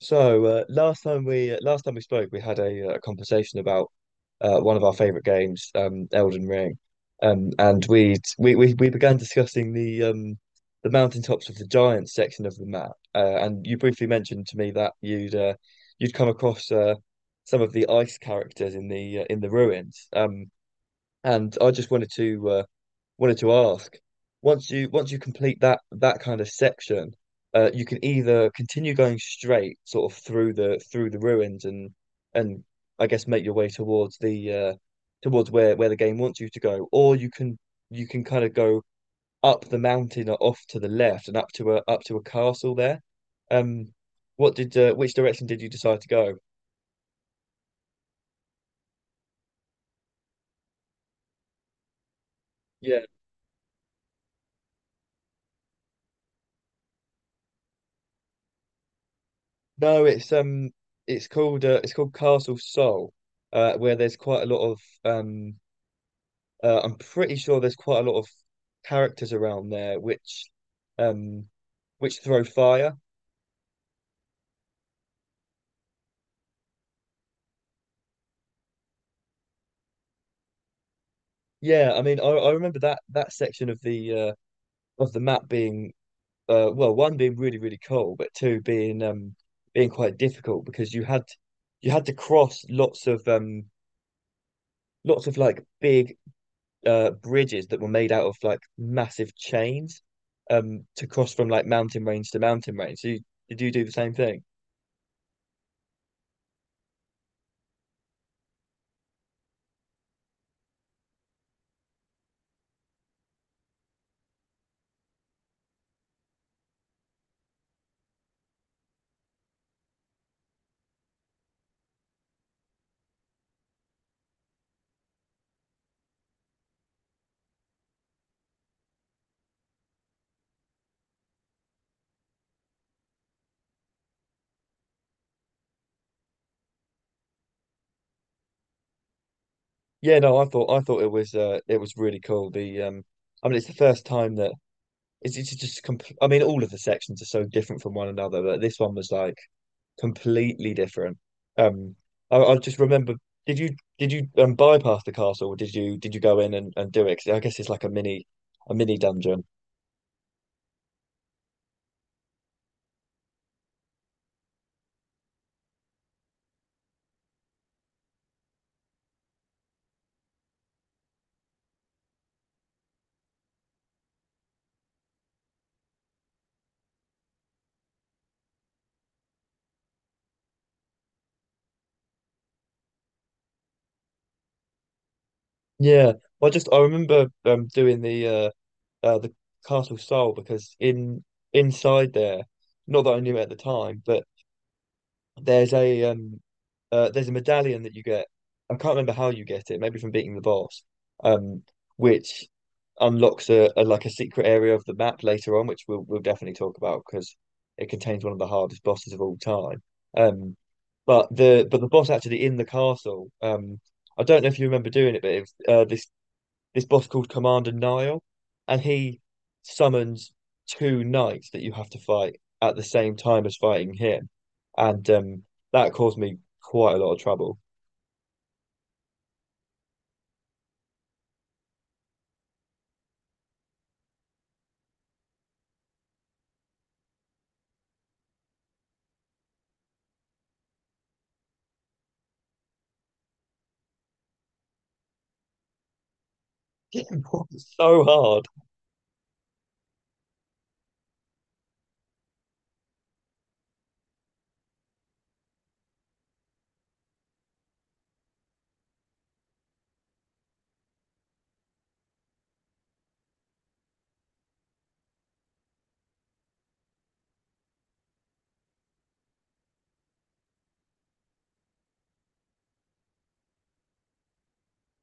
So last time we spoke, we had a conversation about one of our favorite games, Elden Ring, and we began discussing the mountaintops of the giants section of the map, and you briefly mentioned to me that you'd come across some of the ice characters in the ruins. And I just wanted to ask, once you complete that kind of section, you can either continue going straight sort of through the ruins and and I guess make your way towards where the game wants you to go, or you can kind of go up the mountain or off to the left and up to a castle there. Um, what did which direction did you decide to go? No, it's called Castle Soul, where there's quite a lot of I'm pretty sure there's quite a lot of characters around there, um, which throw fire. Yeah, I mean, I remember that section of the map being— well, one, being really really cool, but two, being quite difficult because you had to cross lots of like big bridges that were made out of like massive chains to cross from like mountain range to mountain range. So did you do the same thing? Yeah, no, I thought it was really cool. The I mean it's the first time that I mean all of the sections are so different from one another, but this one was like completely different. Um I just remember, did you did you bypass the castle or did you go in and do it? 'Cause I guess it's like a mini dungeon. Yeah. Well, I remember doing the Castle Soul, because in inside there, not that I knew it at the time, but there's a um there's a medallion that you get. I can't remember how you get it, maybe from beating the boss, um, which unlocks a like a secret area of the map later on, which we'll definitely talk about because it contains one of the hardest bosses of all time. Um, but the boss actually in the castle, I don't know if you remember doing it, but if this boss called Commander Nile, and he summons two knights that you have to fight at the same time as fighting him, and that caused me quite a lot of trouble. It was so hard.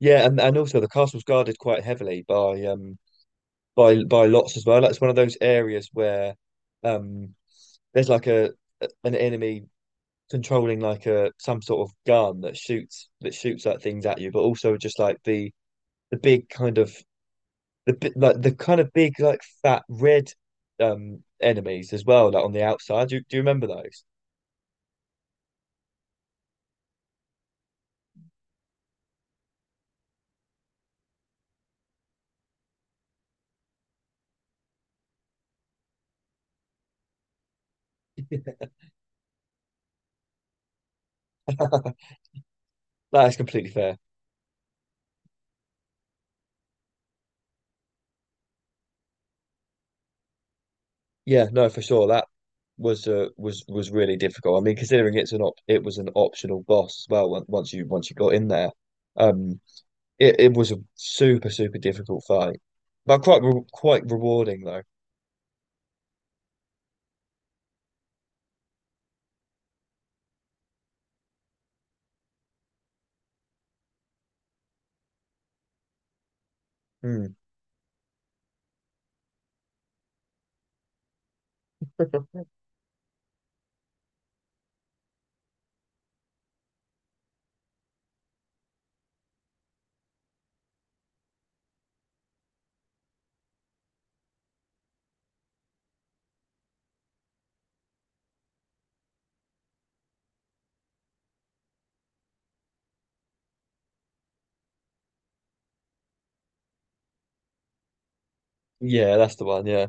Yeah, and also the castle's guarded quite heavily by lots as well. Like it's one of those areas where um there's like a an enemy controlling like a some sort of gun that shoots like things at you, but also just like the big like the kind of big like fat red enemies as well, like on the outside. Do you remember those? That is completely fair. Yeah, no, for sure, that was really difficult. I mean, considering it was an optional boss as well, once you got in there, um it was a super super difficult fight, but quite rewarding though. Hmm. Yeah, that's the one. Yeah.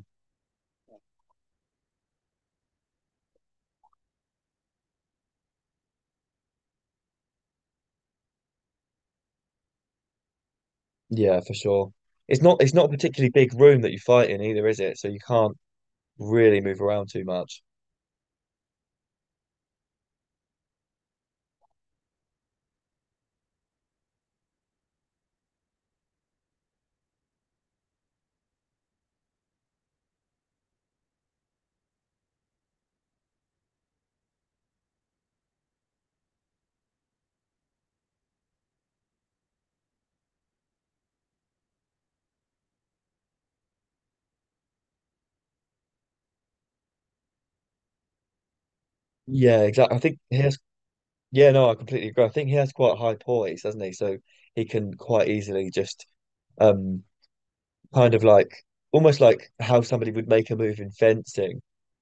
Yeah, for sure. It's not a particularly big room that you fight in either, is it? So you can't really move around too much. Yeah, exactly. I think he has. Yeah, no, I completely agree. I think he has quite high poise, doesn't he? So he can quite easily just um kind of like, almost like how somebody would make a move in fencing.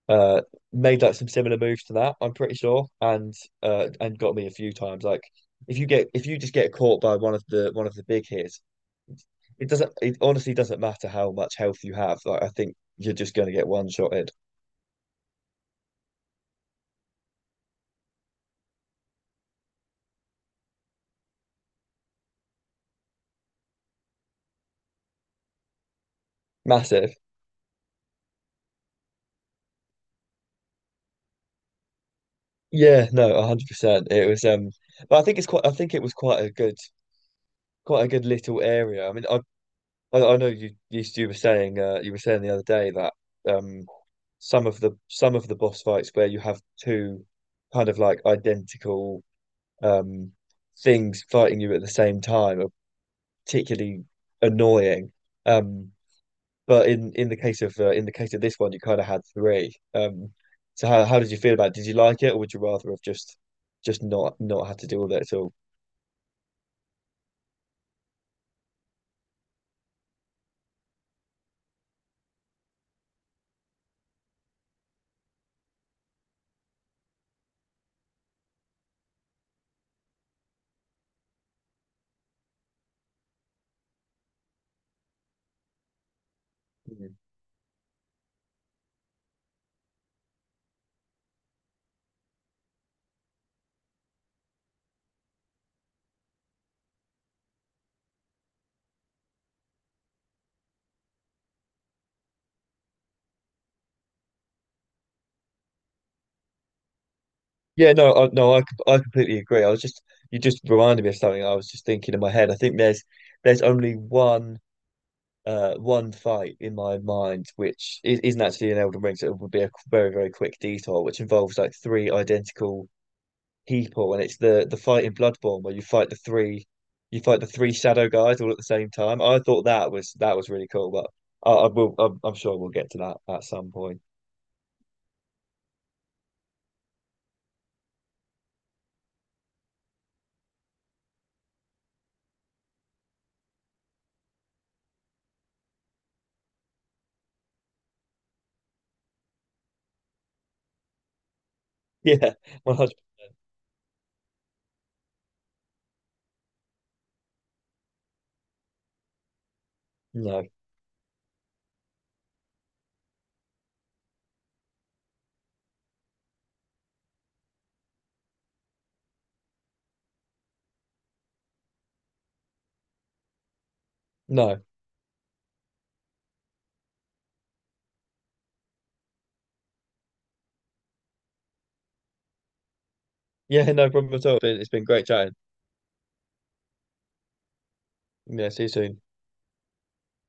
Uh, made like some similar moves to that, I'm pretty sure, and got me a few times. Like if you just get caught by one of the big hits, it doesn't. It honestly doesn't matter how much health you have. Like I think you're just going to get one shotted. Massive. Yeah, no, 100%. It was But I think it's quite I think it was quite a good little area. I mean I know you were saying the other day that um some of the boss fights where you have two kind of like identical um things fighting you at the same time are particularly annoying. Um but in the case of in the case of this one, you kind of had three. So how did you feel about it? Did you like it, or would you rather have just not had to deal with it at all? Mhm. Yeah, no, no, I completely agree. I was just you just reminded me of something I was just thinking in my head. I think there's only one fight in my mind which isn't actually an Elden Ring, so it would be a very very quick detour, which involves like three identical people, and it's the fight in Bloodborne where you fight the three shadow guys all at the same time. I thought that was really cool, but I'm sure we'll get to that at some point. Yeah, 100. No, no, yeah, no problem at all. It's been great chatting. Yeah, see you soon.